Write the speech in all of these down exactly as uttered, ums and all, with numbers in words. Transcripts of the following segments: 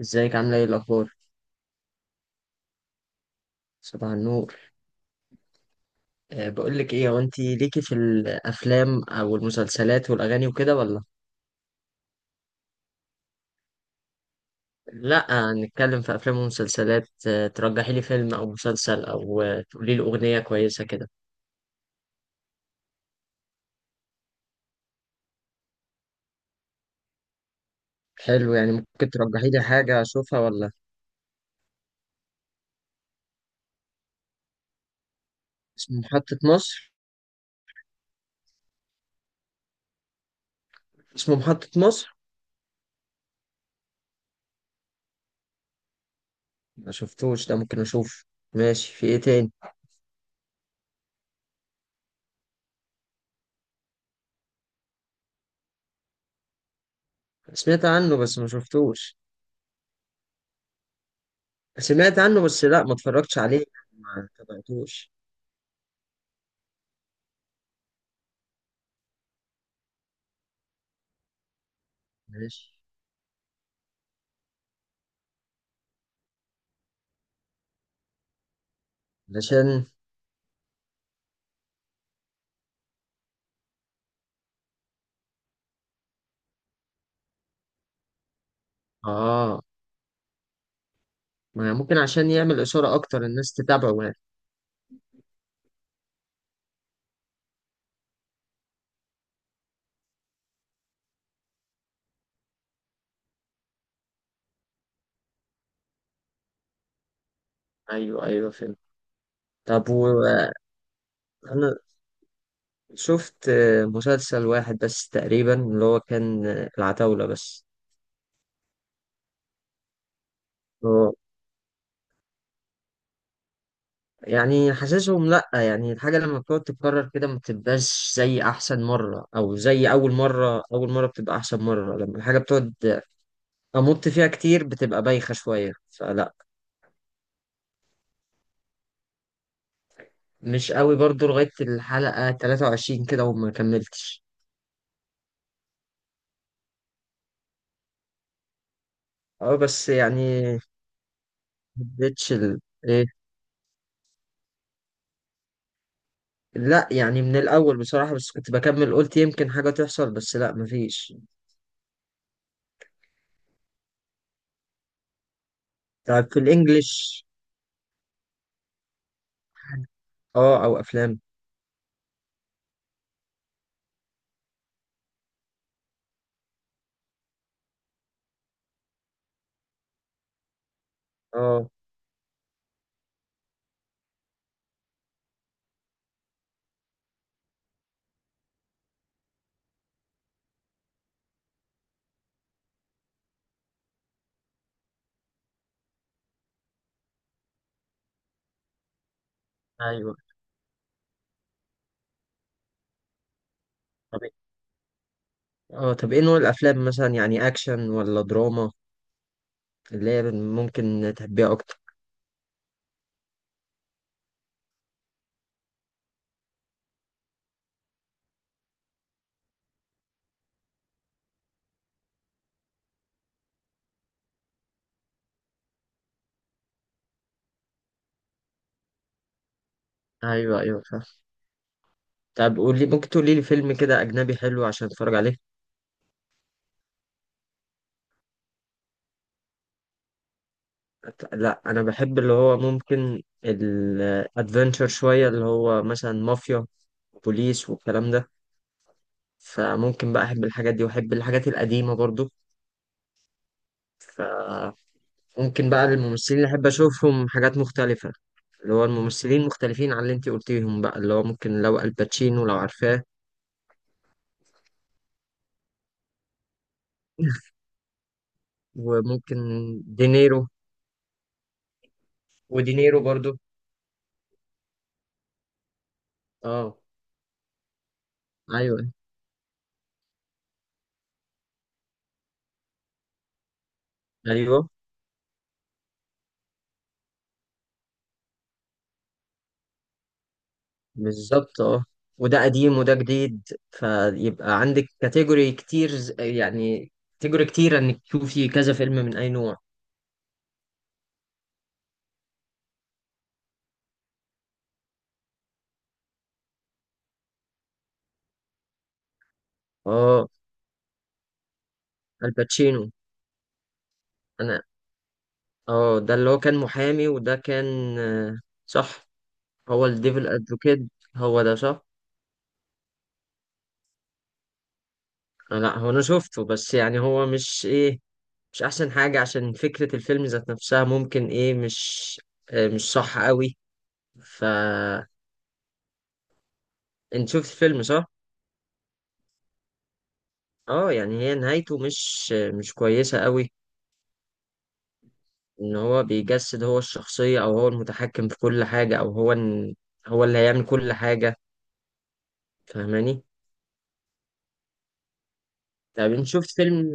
ازيك عامله ايه الاخبار؟ صباح النور. أه بقول لك ايه، هو انت ليكي في الافلام او المسلسلات والاغاني وكده ولا؟ لا، نتكلم في افلام ومسلسلات. أه ترجحي لي فيلم او مسلسل او أه تقولي لي اغنيه كويسه كده؟ حلو، يعني ممكن ترجحي لي حاجه اشوفها ولا؟ اسمه محطه مصر؟ اسمه محطه مصر. ما شفتوش ده، ممكن اشوف. ماشي، في ايه تاني؟ سمعت عنه بس ما شفتوش. سمعت عنه بس لا، ما اتفرجتش عليه. ما تابعتوش. ماشي. علشان. اه. ما هي ممكن عشان يعمل إثارة أكتر الناس تتابعه يعني. أيوه أيوه فهمت. طب وأنا شفت آه، مسلسل واحد بس تقريبا، اللي هو كان آه، العتاولة بس. هو يعني حاسسهم لأ، يعني الحاجة لما بتقعد تتكرر كده ما بتبقاش زي أحسن مرة، أو زي أول مرة، أول مرة بتبقى أحسن مرة لما الحاجة بتقعد أمط فيها كتير بتبقى بايخة شوية، فلأ. مش قوي برضو لغاية الحلقة ثلاثة وعشرين كده وما كملتش. أه بس يعني مديتش ال... إيه. لا يعني من الأول بصراحة، بس كنت بكمل قلت يمكن حاجة تحصل، بس لا مفيش. طيب، في الإنجليش. اه أو أفلام. اه أيوه. طب اه طب إيه نوع الأفلام مثلا يعني أكشن ولا دراما، اللي هي ممكن تحبيها أكتر؟ أيوه أيوه فاهم. طب قولي، ممكن تقولي لي فيلم كده أجنبي حلو عشان أتفرج عليه؟ أت- لا، أنا بحب اللي هو ممكن الأدفنتشر شوية، اللي هو مثلا مافيا بوليس والكلام ده. فممكن بقى أحب الحاجات دي وأحب الحاجات القديمة برضو. فممكن بقى الممثلين اللي أحب أشوفهم حاجات مختلفة، اللي هو الممثلين مختلفين عن اللي أنت قلتيهم بقى، اللي هو ممكن لو الباتشينو لو عارفاه. وممكن دينيرو. ودينيرو برضو اه. أيوه أيوه بالظبط اه. وده قديم وده جديد، فيبقى عندك كاتيجوري كتير، ز- يعني كاتيجوري كتير إنك تشوفي كذا فيلم من أي نوع. اه الباتشينو. أنا. اه ده اللي هو كان محامي، وده كان آه، صح. هو الديفل ادفوكيت. هو ده صح. آه، لا، هو انا شفته، بس يعني هو مش ايه، مش احسن حاجة. عشان فكرة الفيلم ذات نفسها ممكن ايه، مش آه، مش صح قوي. ف انت شفت الفيلم صح؟ اه يعني هي نهايته مش آه، مش كويسة قوي. ان هو بيجسد هو الشخصية او هو المتحكم في كل حاجة، او هو ال- هو اللي هيعمل كل حاجة. فاهماني؟ طب انت شفت فيلم؟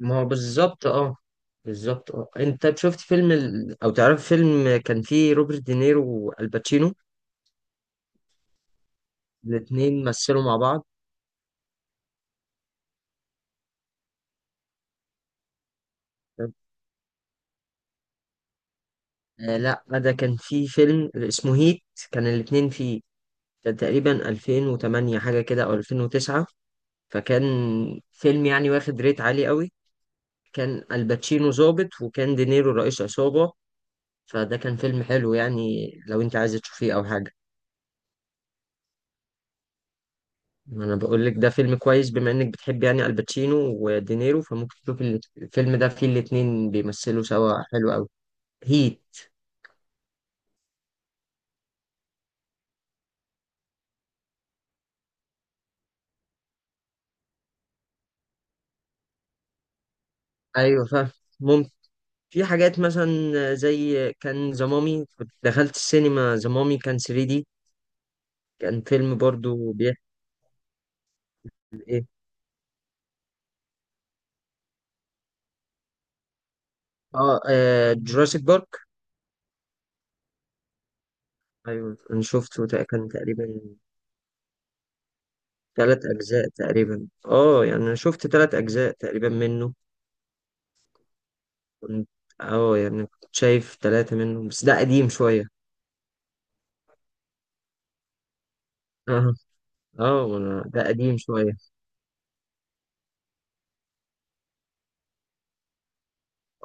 ما هو بالظبط اه بالظبط اه انت شفت فيلم ال... او تعرف فيلم كان فيه روبرت دينيرو والباتشينو، الاتنين مثلوا مع بعض؟ آه لا، ده كان فيه فيلم اسمه هيت. كان الاتنين فيه. كان تقريبا ألفين وتمانية حاجة كده او ألفين وتسعة. فكان فيلم يعني واخد ريت عالي قوي. كان الباتشينو ظابط وكان دينيرو رئيس عصابة. فده كان فيلم حلو يعني، لو انت عايز تشوفيه او حاجة. ما انا بقول لك ده فيلم كويس، بما انك بتحب يعني الباتشينو ودينيرو، فممكن تشوف ال- الفيلم ده فيه الاتنين بيمثلوا سوا حلو قوي. هيت. ايوه فاهم. ممكن. في حاجات مثلا زي كان ذا مامي. كنت دخلت السينما ذا مامي كان ثري دي. كان فيلم برضو بيحكي. ايه اه, آه جوراسيك بارك. ايوه انا شفته تق- كان تقريبا ثلاث اجزاء تقريبا اه يعني انا شفت ثلاث اجزاء تقريبا منه. كنت اه يعني كنت شايف ثلاثة منهم بس ده قديم شوية. اه وأنا- ده قديم شوية.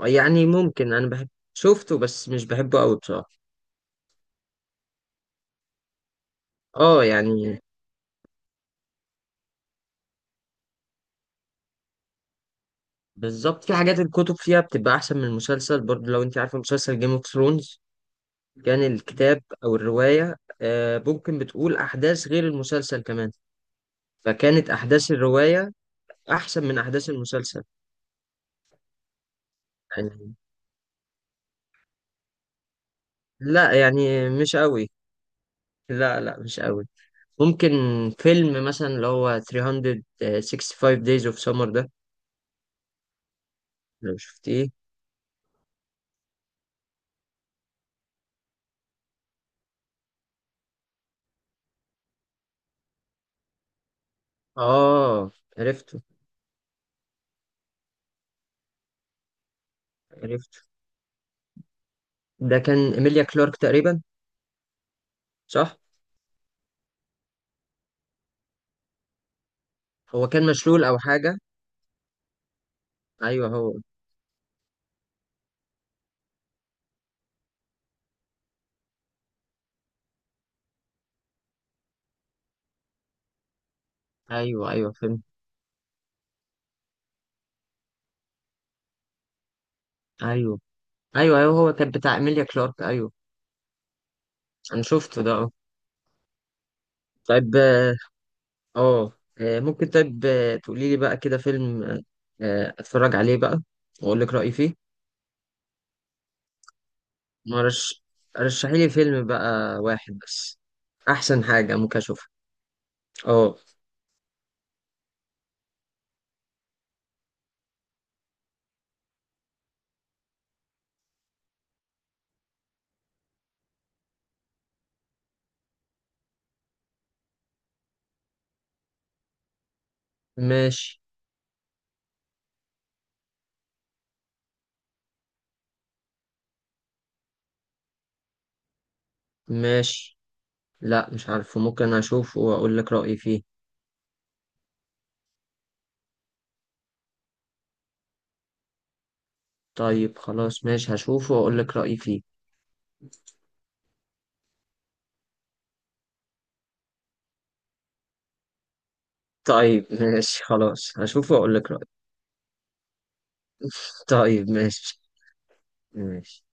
يعني ممكن انا بحب. شفته بس مش بحبه قوي بصراحة. اه يعني. بالظبط. في حاجات الكتب فيها بتبقى احسن من المسلسل برضه. لو انت عارفة مسلسل جيم اوف ثرونز، كان الكتاب او الرواية آه ممكن بتقول احداث غير المسلسل كمان، فكانت احداث الرواية احسن من احداث المسلسل. يعني. لا يعني مش قوي. لا لا مش قوي. ممكن فيلم مثلا اللي هو ثلاثمية وخمسة وستين days of summer ده. لو شفتيه اه. عرفته. عرفته. ده كان إيميليا كلارك تقريبا. صح. هو كان مشلول او حاجة. ايوه هو. ايوه ايوه فهمت. ايوه ايوه ايوه هو كان بتاع إيميليا كلارك ايوه. انا شفته ده اه. طيب اه. آه، آه، ممكن طيب آه، تقولي لي بقى كده فيلم آه، آه، اتفرج عليه بقى واقول لك رأيي فيه. مرش رشحي لي فيلم بقى واحد بس، احسن حاجة ممكن اشوفها. اه. ماشي. ماشي. لا مش عارفه، ممكن اشوفه واقول لك رأيي فيه. طيب خلاص ماشي، هشوفه واقول لك رأيي فيه. طيب ماشي خلاص هشوفه واقول لك رأيي. طيب ماشي. ماشي.